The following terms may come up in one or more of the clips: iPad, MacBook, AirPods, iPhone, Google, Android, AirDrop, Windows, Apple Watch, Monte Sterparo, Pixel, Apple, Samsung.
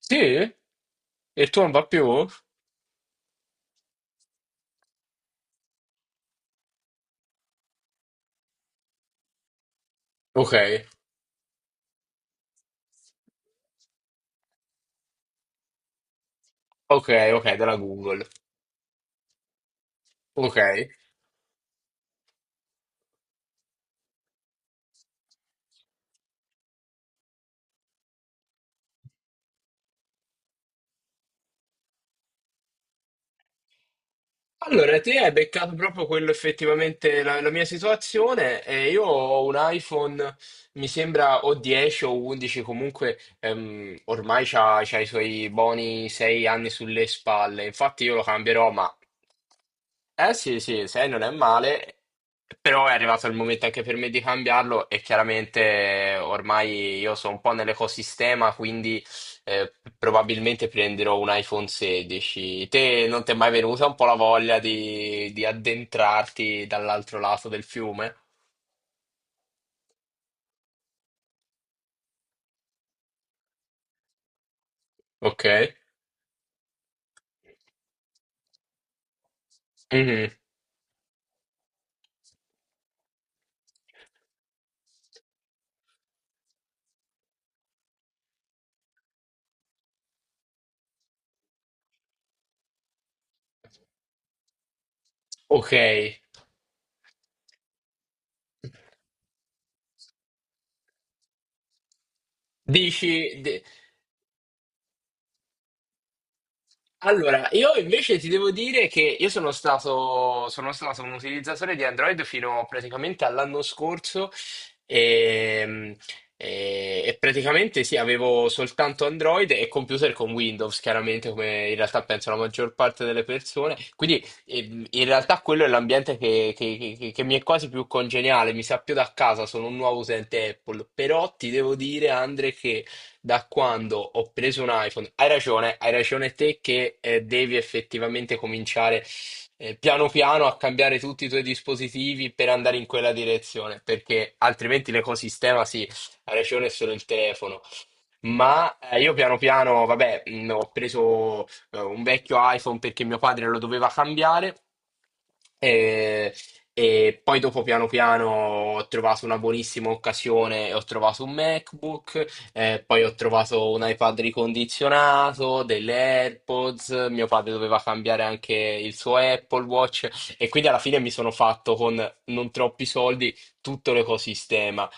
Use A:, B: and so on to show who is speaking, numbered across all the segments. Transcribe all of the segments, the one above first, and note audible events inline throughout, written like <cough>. A: Sì? E tu non va più? Ok, ok, ok, della Google. Ok. Allora, te hai beccato proprio quello effettivamente la mia situazione. E io ho un iPhone, mi sembra o 10 o 11, comunque ormai c'ha i suoi buoni 6 anni sulle spalle. Infatti io lo cambierò, ma eh sì, sì, 6 non è male, però è arrivato il momento anche per me di cambiarlo e chiaramente ormai io sono un po' nell'ecosistema, quindi probabilmente prenderò un iPhone 16. Te non ti è mai venuta un po' la voglia di addentrarti dall'altro lato del fiume? Ok. Mhm. Ok. Dici. Allora, io invece ti devo dire che io sono stato un utilizzatore di Android fino praticamente all'anno scorso e, e praticamente sì, avevo soltanto Android e computer con Windows, chiaramente come in realtà penso la maggior parte delle persone. Quindi in realtà quello è l'ambiente che mi è quasi più congeniale, mi sa più da casa, sono un nuovo utente Apple, però ti devo dire, Andre, che da quando ho preso un iPhone. Hai ragione te che devi effettivamente cominciare piano piano a cambiare tutti i tuoi dispositivi per andare in quella direzione, perché altrimenti l'ecosistema sì, ha ragione è solo il telefono. Ma io piano piano, vabbè, ho preso un vecchio iPhone perché mio padre lo doveva cambiare e, e poi dopo piano piano ho trovato una buonissima occasione e ho trovato un MacBook, poi ho trovato un iPad ricondizionato, delle AirPods, mio padre doveva cambiare anche il suo Apple Watch e quindi alla fine mi sono fatto con non troppi soldi tutto l'ecosistema.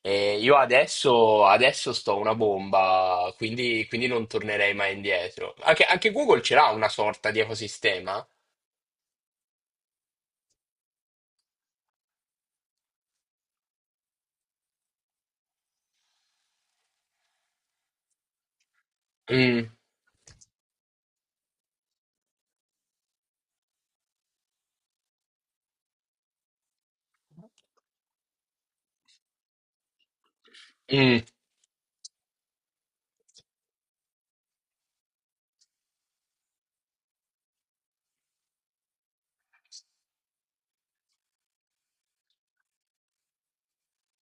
A: E io adesso sto una bomba, quindi non tornerei mai indietro. Anche Google ce l'ha una sorta di ecosistema. Mm, mm,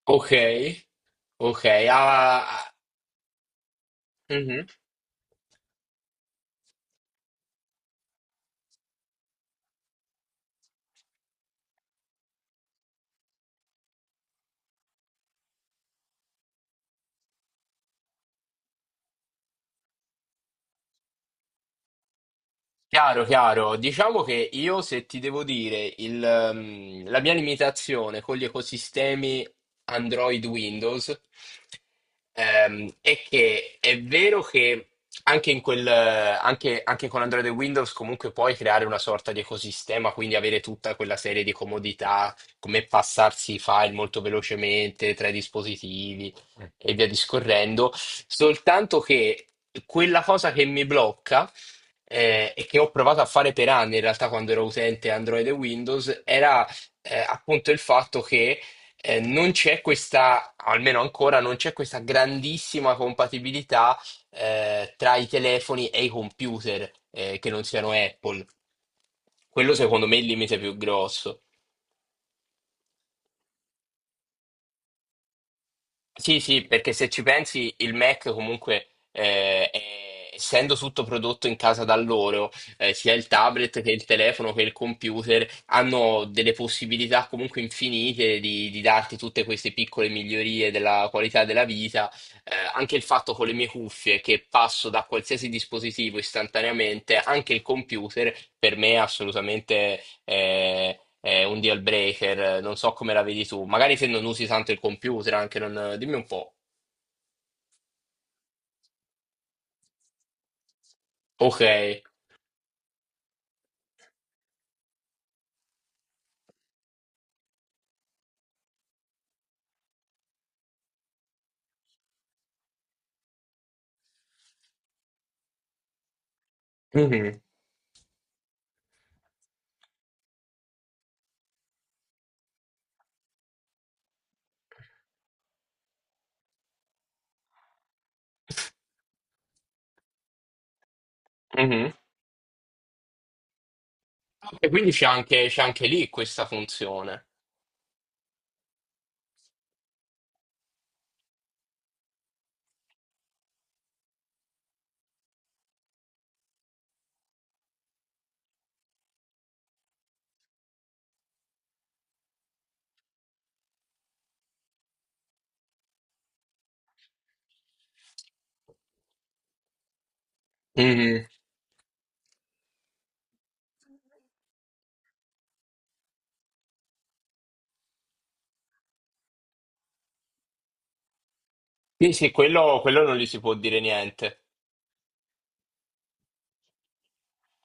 A: ok, ok. Ah, ah, mhm. Chiaro, chiaro. Diciamo che io, se ti devo dire, la mia limitazione con gli ecosistemi Android Windows è che è vero che anche, in quel, anche, anche con Android e Windows comunque puoi creare una sorta di ecosistema, quindi avere tutta quella serie di comodità, come passarsi i file molto velocemente tra i dispositivi e via discorrendo, soltanto che quella cosa che mi blocca e che ho provato a fare per anni in realtà quando ero utente Android e Windows, era appunto il fatto che non c'è questa, almeno ancora, non c'è questa grandissima compatibilità tra i telefoni e i computer che non siano Apple. Quello secondo me è il limite più grosso. Sì, sì, perché se ci pensi, il Mac comunque, essendo tutto prodotto in casa da loro, sia il tablet che il telefono che il computer, hanno delle possibilità comunque infinite di darti tutte queste piccole migliorie della qualità della vita anche il fatto con le mie cuffie che passo da qualsiasi dispositivo istantaneamente, anche il computer, per me è assolutamente è un deal breaker. Non so come la vedi tu. Magari se non usi tanto il computer, anche non. Dimmi un po'. Ok. Mhm. Mhm. E quindi c'è anche lì questa funzione. Mhm. Sì, sì, quello non gli si può dire niente.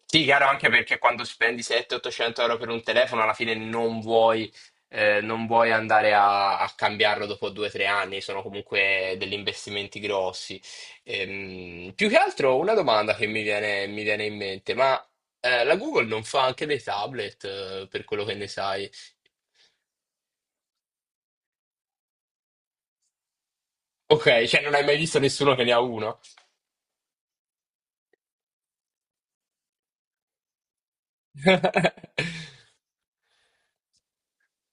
A: Sì, chiaro, anche perché quando spendi 700-800 euro per un telefono, alla fine non vuoi andare a cambiarlo dopo 2 o 3 anni, sono comunque degli investimenti grossi. Più che altro una domanda che mi viene in mente, ma la Google non fa anche dei tablet, per quello che ne sai? Ok, cioè non hai mai visto nessuno che ne ha uno? <laughs>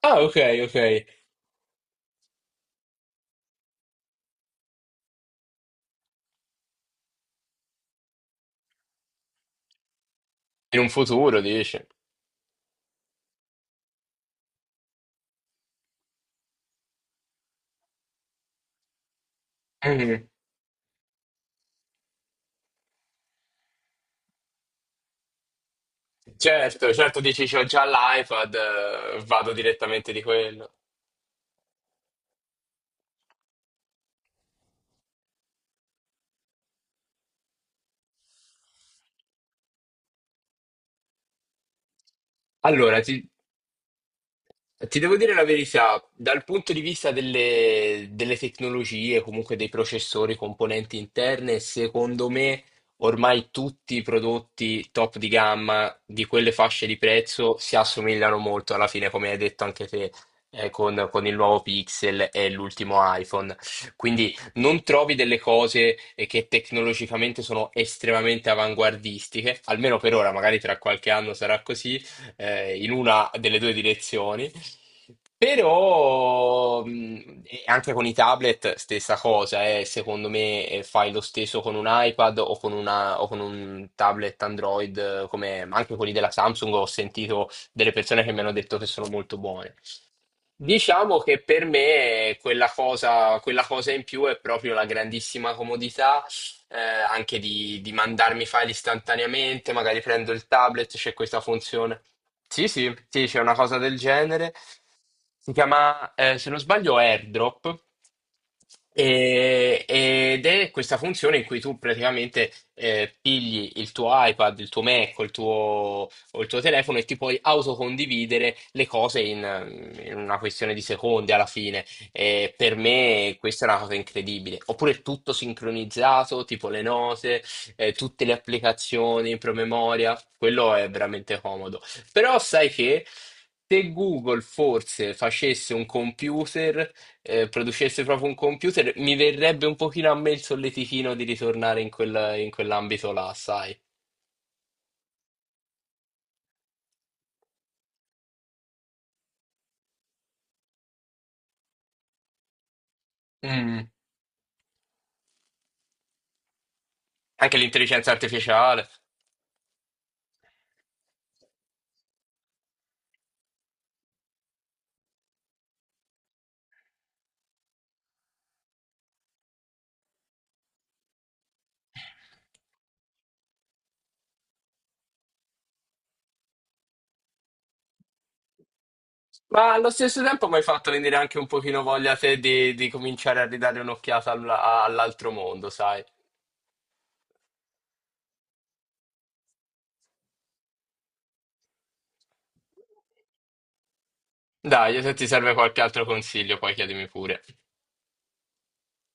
A: Ah, ok, ok. In un futuro, dici. Mhm. Certo, certo, dici c'ho già l'iPad, vado direttamente di quello. Allora, ti devo dire la verità, dal punto di vista delle tecnologie, comunque dei processori, componenti interne, secondo me ormai tutti i prodotti top di gamma di quelle fasce di prezzo si assomigliano molto alla fine, come hai detto anche te, con il nuovo Pixel e l'ultimo iPhone. Quindi non trovi delle cose che tecnologicamente sono estremamente avanguardistiche, almeno per ora, magari tra qualche anno sarà così, in una delle due direzioni. Però e anche con i tablet stessa cosa, secondo me fai lo stesso con un iPad o con un tablet Android, come anche quelli della Samsung, ho sentito delle persone che mi hanno detto che sono molto buoni. Diciamo che per me quella cosa in più è proprio la grandissima comodità, anche di mandarmi i file istantaneamente, magari prendo il tablet, c'è questa funzione. Sì, sì, sì, c'è una cosa del genere. Si chiama, se non sbaglio, AirDrop. Ed è questa funzione in cui tu praticamente pigli il tuo iPad, il tuo Mac, o il tuo telefono e ti puoi autocondividere le cose in una questione di secondi alla fine. E per me questa è una cosa incredibile. Oppure tutto sincronizzato, tipo le note, tutte le applicazioni in promemoria, quello è veramente comodo. Però sai che se Google forse facesse un computer, producesse proprio un computer, mi verrebbe un pochino a me il solletichino di ritornare in quell'ambito là, sai? Anche l'intelligenza artificiale. Ma allo stesso tempo mi hai fatto venire anche un pochino voglia te di cominciare a ridare un'occhiata all'altro mondo, sai? Dai, se ti serve qualche altro consiglio, poi chiedimi pure.